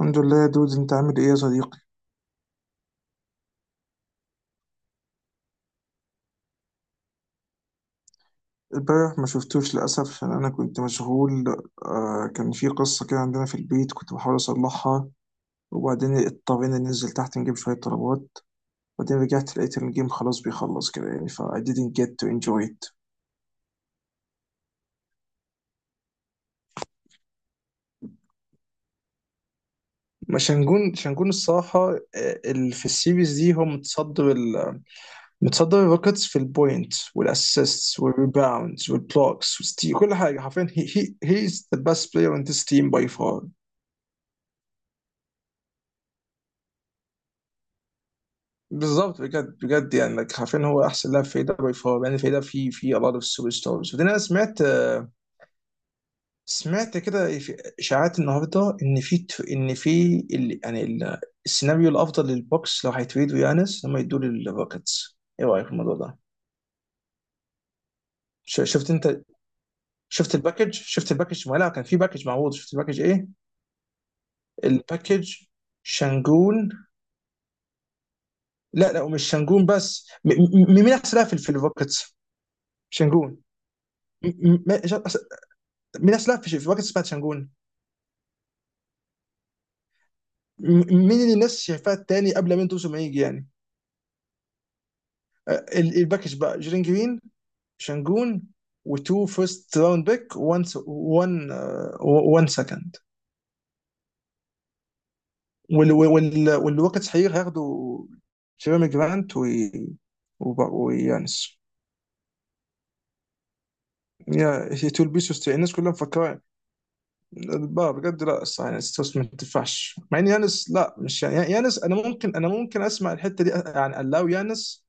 الحمد لله يا دود، انت عامل ايه يا صديقي؟ امبارح ما شفتوش للاسف، ان انا كنت مشغول. آه، كان في قصه كده عندنا في البيت كنت بحاول اصلحها، وبعدين اضطرينا ننزل تحت نجيب شويه طلبات، وبعدين رجعت لقيت ان الجيم خلاص بيخلص كده، يعني ف I didn't get to enjoy it. ما شنجون، شنجون الصراحه. في السيريز دي هو متصدر متصدر الروكيتس في البوينت والاسيستس والريباوندز والبلوكس والستي، كل حاجه حرفيا. He is the best player in this team by far. بالظبط، بجد بجد، يعني like حرفيا هو احسن لاعب في دوري، فهو يعني في ده في a lot of superstars. وبعدين انا سمعت كده في اشاعات النهارده ان في السيناريو الافضل للبوكس لو هيتريدوا يانس، هم يدوا للروكيتس. ايه رايك في الموضوع ده؟ شفت انت؟ شفت الباكج، ما لا كان في باكج معروض. شفت الباكج ايه؟ الباكج، شانجون. لا لا، ومش شانجون بس. مين احسن لاعب في الروكيتس؟ شانجون. م- م- مين اصلا في في باكج اسمها تشانجون؟ مين اللي الناس شايفاه التاني قبل مين توسو ما يجي يعني؟ آه، الباكج بقى جيرين جرين، شانجون، وتو فيرست راوند بيك، وان وان سكند. والوقت هياخدوا جيريمي جرانت ويانس. يا هي تو البيسوس، الناس كلها مفكره بقى بجد. لا الصراحه، يعني ستوس ما تنفعش، مع ان يانس، لا مش يعني يانس، انا ممكن اسمع الحته دي، يعني الاو يانس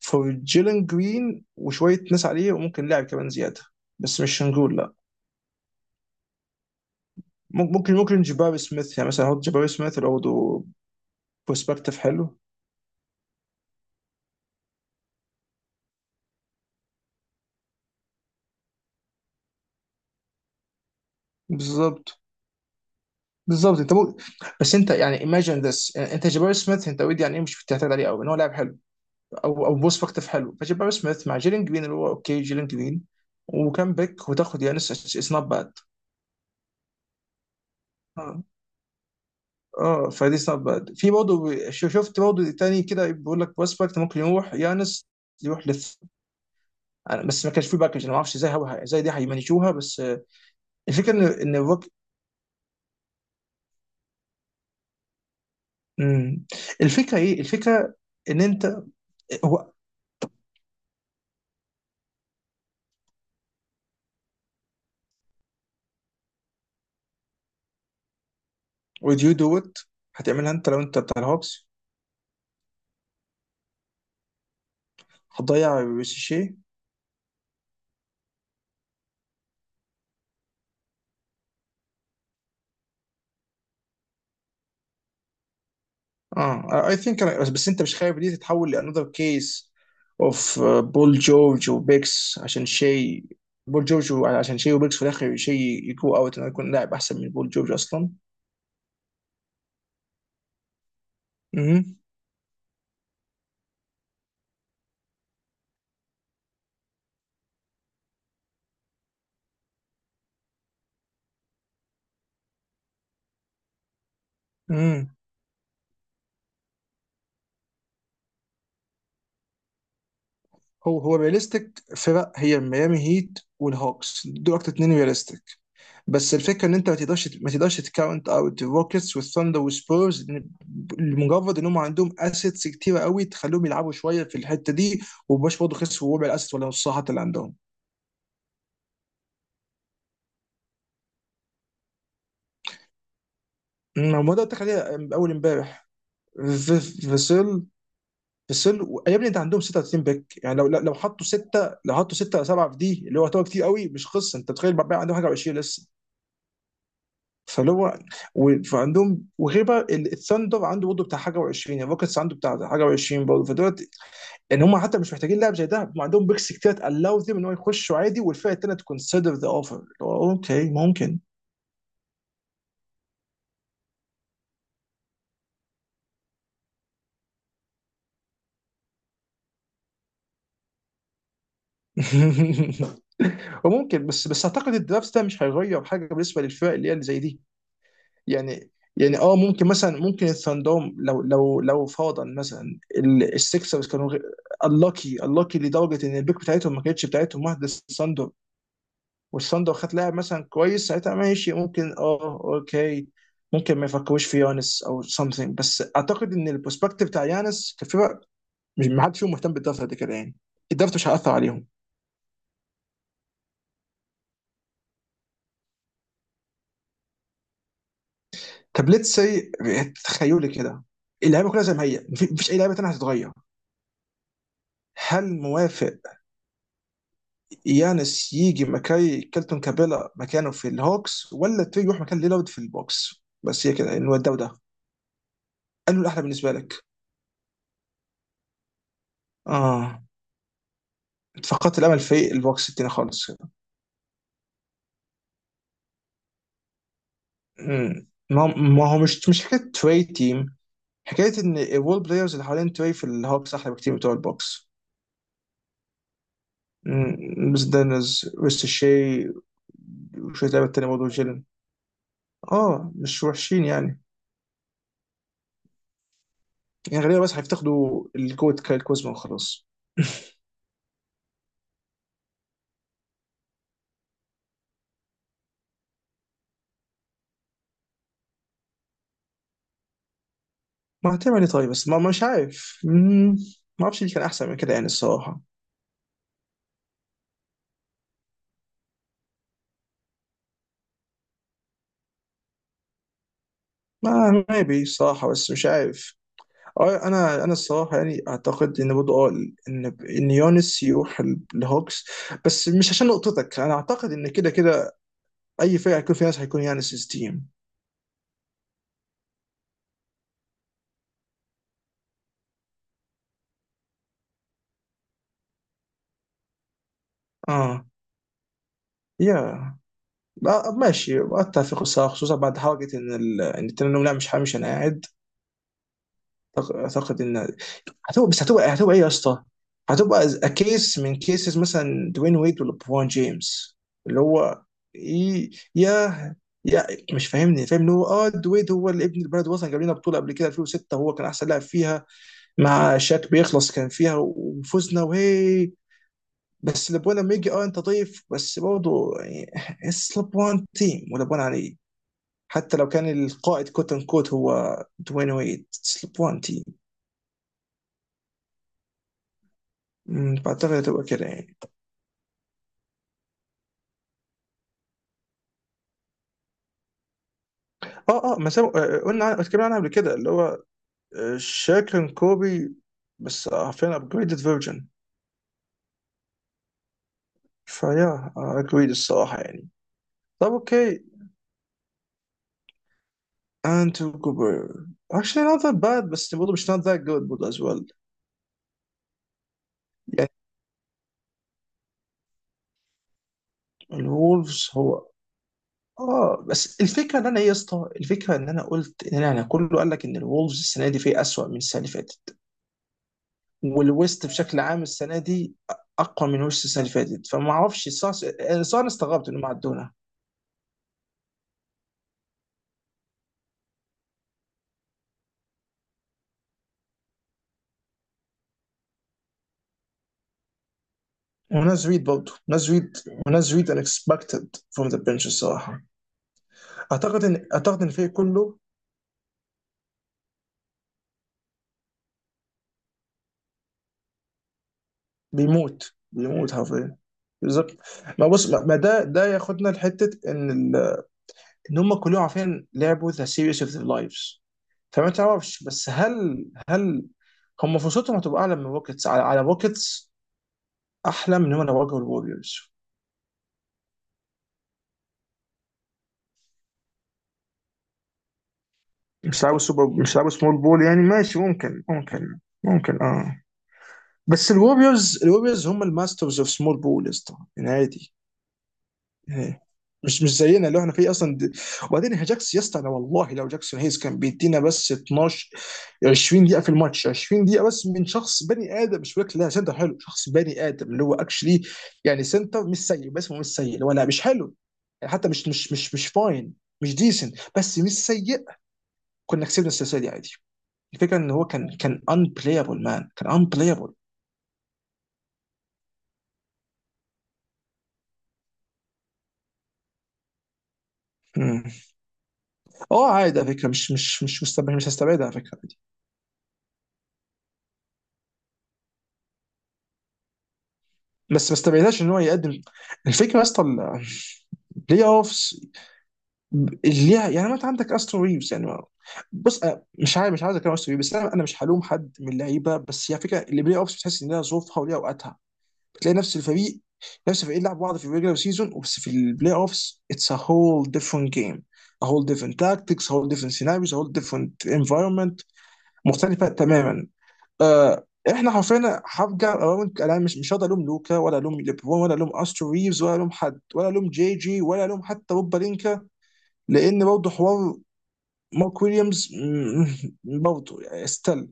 فور جيلن جرين وشويه ناس عليه، وممكن لاعب كمان زياده، بس مش هنقول لا. ممكن جباري سميث، يعني مثلا احط جباري سميث اللي برضه برسبكتيف حلو. بالظبط. بالظبط انت ممكن، بس انت يعني imagine this، انت جباري سميث، انت اوريدي يعني ايه، مش بتعتمد عليه قوي ان هو لاعب حلو او برسبكتيف حلو. فجباري سميث مع جيلين جرين اللي هو اوكي، جيلين جرين وكان باك، وتاخد يانس، اتس نوت باد. اه. اه، فدي اتس نوت باد، في برضه شفت برضه تاني كده بيقول لك بروسبكت ممكن يروح يانس يروح بس ما كانش في باكج، انا ما اعرفش ازاي ازاي دي هيمانجوها، بس آه، الفكره ان ان الروك. مم. الفكره ايه؟ الفكره ان انت، هو would you do it؟ هتعملها انت لو انت بتاع الهوكس؟ هتضيع ريشيشي؟ اه اي ثينك، بس انت مش خايف دي تتحول لانذر كيس اوف بول جورج وبيكس عشان شيء؟ بول جورج عشان شيء وبيكس، في الاخر شيء يجو اوت انه يكون لاعب احسن من بول جورج اصلا. امم، هو رياليستيك، فرق هي ميامي هيت والهوكس دول اكتر اتنين رياليستيك. بس الفكره ان انت ما تقدرش تكاونت اوت الروكيتس والثاندر والسبيرز، لأن لمجرد ان هم عندهم اسيتس كتيره قوي تخليهم يلعبوا شويه في الحته دي، ومبقاش برضه خسروا ربع الاسيتس ولا نصها حتى اللي عندهم. أمم، وده تخليها اول امبارح. فيسل، يا ابني انت عندهم 36 بيك، يعني لو حطوا سته، لو حطوا سته او سبعه في دي، اللي هو يعتبر كتير قوي، مش قصه. انت تخيل بقى عندهم حاجه و20 لسه. فاللي هو فعندهم، وغير بقى الثاندر عنده برضه بتاع حاجه و20، الروكتس عنده بتاع حاجه و20 برضه. فدلوقتي ان هم حتى مش محتاجين لاعب زي ده، هم عندهم بيكس كتير، تالاو ذيم ان هو يخشوا عادي والفرقه الثانيه تكونسيدر ذا اوفر. اوكي، ممكن. وممكن، بس اعتقد الدرافت ده مش هيغير حاجه بالنسبه للفرق اللي هي اللي زي دي. يعني، يعني اه ممكن مثلا، ممكن الثاندوم، لو فرضا مثلا السكسرز كانوا اللاكي لدرجه ان البيك بتاعتهم ما كانتش بتاعتهم واحده، الثاندر والصن لو خد لاعب مثلا كويس، ساعتها ماشي، ممكن اه اوكي ممكن ما يفكروش في يانس او something. بس اعتقد ان البروسبكتيف بتاع يانس كفرق، مش، ما حدش فيهم مهتم بالدرافت قد كده يعني. الدرافت مش هيأثر عليهم. طب ليتس سي، تخيلي كده، اللعيبه كلها زي ما هي، مفيش اي لعيبه تانيه هتتغير. هل موافق يانس يجي مكاي كيلتون كابيلا مكانه في الهوكس، ولا تري يروح مكان ليلارد في البوكس؟ بس هي كده انه ده وده، انه الاحلى بالنسبه لك. اه، فقدت الامل في البوكس التاني خالص. ما هو مش حكايه تري تيم، حكايه ان الول بلايرز اللي حوالين تري في الهوكس احلى بكتير بتوع البوكس. بس دانز ويست شي، وشويه لعيبه تانيه برضه جيلن، اه مش وحشين يعني. يعني غالبا بس هيفتقدوا الجوت كايل كوزما وخلاص. ما هتعمل ايه طيب، بس ما مش عارف. ما اعرفش اللي كان احسن من كده يعني الصراحه. ما ما بي صراحه بس مش عارف. اه انا الصراحه يعني اعتقد ان برضه اه، ان ان يونس يروح الهوكس، بس مش عشان نقطتك، انا اعتقد ان كده كده اي فرقه هيكون فيها ناس، هيكون يانس تيم. اه يا، آه، ماشي، اتفق الصراحه، خصوصا بعد حركه ان ال... ان التنين، لا مش مش، انا قاعد اعتقد ان، هتبقى ايه يا اسطى؟ هتبقى كيس من كيسز مثلا دوين ويد ولا برون جيمس، اللي هو إيه يا، يا، مش فاهمني. فاهم ان هو اه دويد هو اللي ابن البلد، وصل جاب لنا بطوله قبل كده 2006، هو كان احسن لاعب فيها مع شاك بيخلص، كان فيها وفزنا وهي. بس لبوان لما يجي، اه انت ضيف، بس برضه يعني اتس لبوان تيم ولبوان عليه، حتى لو كان القائد كوت ان كوت هو دوين ويد، اتس لبوان تيم. أمم، فاعتقد هتبقى كده يعني. اه ما سابوا، آه، آه، اتكلمنا عنها قبل كده، اللي هو شاكلين كوبي، بس فين ابجريدد فيرجن. فيا اجريد الصراحه يعني. طب اوكي، انتو كوبر actually not that bad، بس برضه مش not that good برضه as well. يعني الولفز، اه بس الفكره ان انا، ايه يا اسطى، الفكره ان انا قلت ان انا، كله قال لك ان الولفز السنه دي فيه اسوأ من السنه اللي فاتت، والويست بشكل عام السنه دي اقوى من وش السنه اللي فاتت، فما اعرفش صار، استغربت انهم عدونا. وناس ريد برضه ناس ريد، وناس ريد unexpected from the bench الصراحه. اعتقد ان الفريق كله بيموت، بيموت حرفيا. بالظبط. ما بص، ما ما ده ياخدنا لحته ان ال... ان هم كلهم عارفين لعبوا ذا سيريس اوف ذا لايفز. فما تعرفش، بس هل هم فرصتهم هتبقى اعلى من روكيتس على روكيتس، احلى من هم لو واجهوا الوريورز؟ مش لعبوا سمول بول يعني، ماشي، ممكن ممكن اه. بس الوريوز، الوريوز هم الماسترز اوف سمول بول يا اسطى، يعني عادي. إيه. مش زينا اللي احنا فيه اصلا د... وبعدين هي جاكس، يا اسطى انا والله لو جاكسون هيز كان بيدينا بس 12 20 دقيقه في الماتش، 20 دقيقه بس، من شخص بني ادم، مش بقول لا سنتر حلو، شخص بني ادم اللي هو اكشلي، يعني سنتر مش سيء، بس هو مش سيء اللي هو لا مش حلو يعني، حتى مش فاين، مش ديسنت، بس مش سيء. كنا كسبنا السلسله دي عادي. الفكره ان هو كان unplayable، مان، كان unplayable. مم. اه عادي على فكره، مش مش مش مستبعد، مش هستبعدها على فكره دي. بس ما استبعدهاش ان هو يقدم. الفكره يا اسطى، البلاي اوفز اللي ليها يعني، ما انت عندك استرو ريفز يعني، بص أنا مش عارف، مش عايز اتكلم عن استرو ريفز، بس انا مش هلوم حد من اللعيبه، بس هي فكره البلاي اوفز بتحس ان لها ظروفها وليها اوقاتها. بتلاقي نفس الفريق، لعب بعض في الريجلر سيزون، بس في البلاي اوفز اتس ا هول ديفرنت جيم، a whole different tactics, a whole different scenarios, a whole different environment. مختلفه تماما. آه. احنا حرفيا هرجع انا مش مش هقدر الوم لوكا، ولا الوم ليبرون، ولا الوم استرو ريفز، ولا الوم حد، ولا الوم جي جي، ولا الوم حتى روب بلينكا، لان برضه حوار مارك ويليامز برضه يعني استل.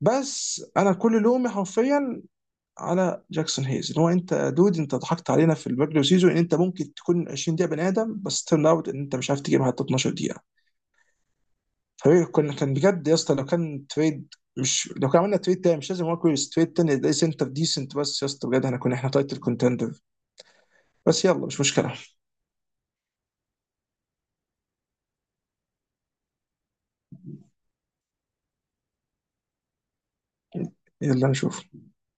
بس انا كل لومي حرفيا على جاكسون هيز، ان هو انت يا دود انت ضحكت علينا في الريجولر سيزون ان انت ممكن تكون 20 دقيقه بني ادم، بس ترن اوت ان انت مش عارف تجيب حتى 12 دقيقه. فريق كنا، كان بجد يا اسطى، لو كان تريد، مش لو كان عملنا تريد تاني، مش لازم ويكورز تريد تاني ده سنتر ديسنت، بس يا اسطى بجد احنا كنا، احنا تايتل كونتندر. بس يلا مش مشكله. يلا نشوف.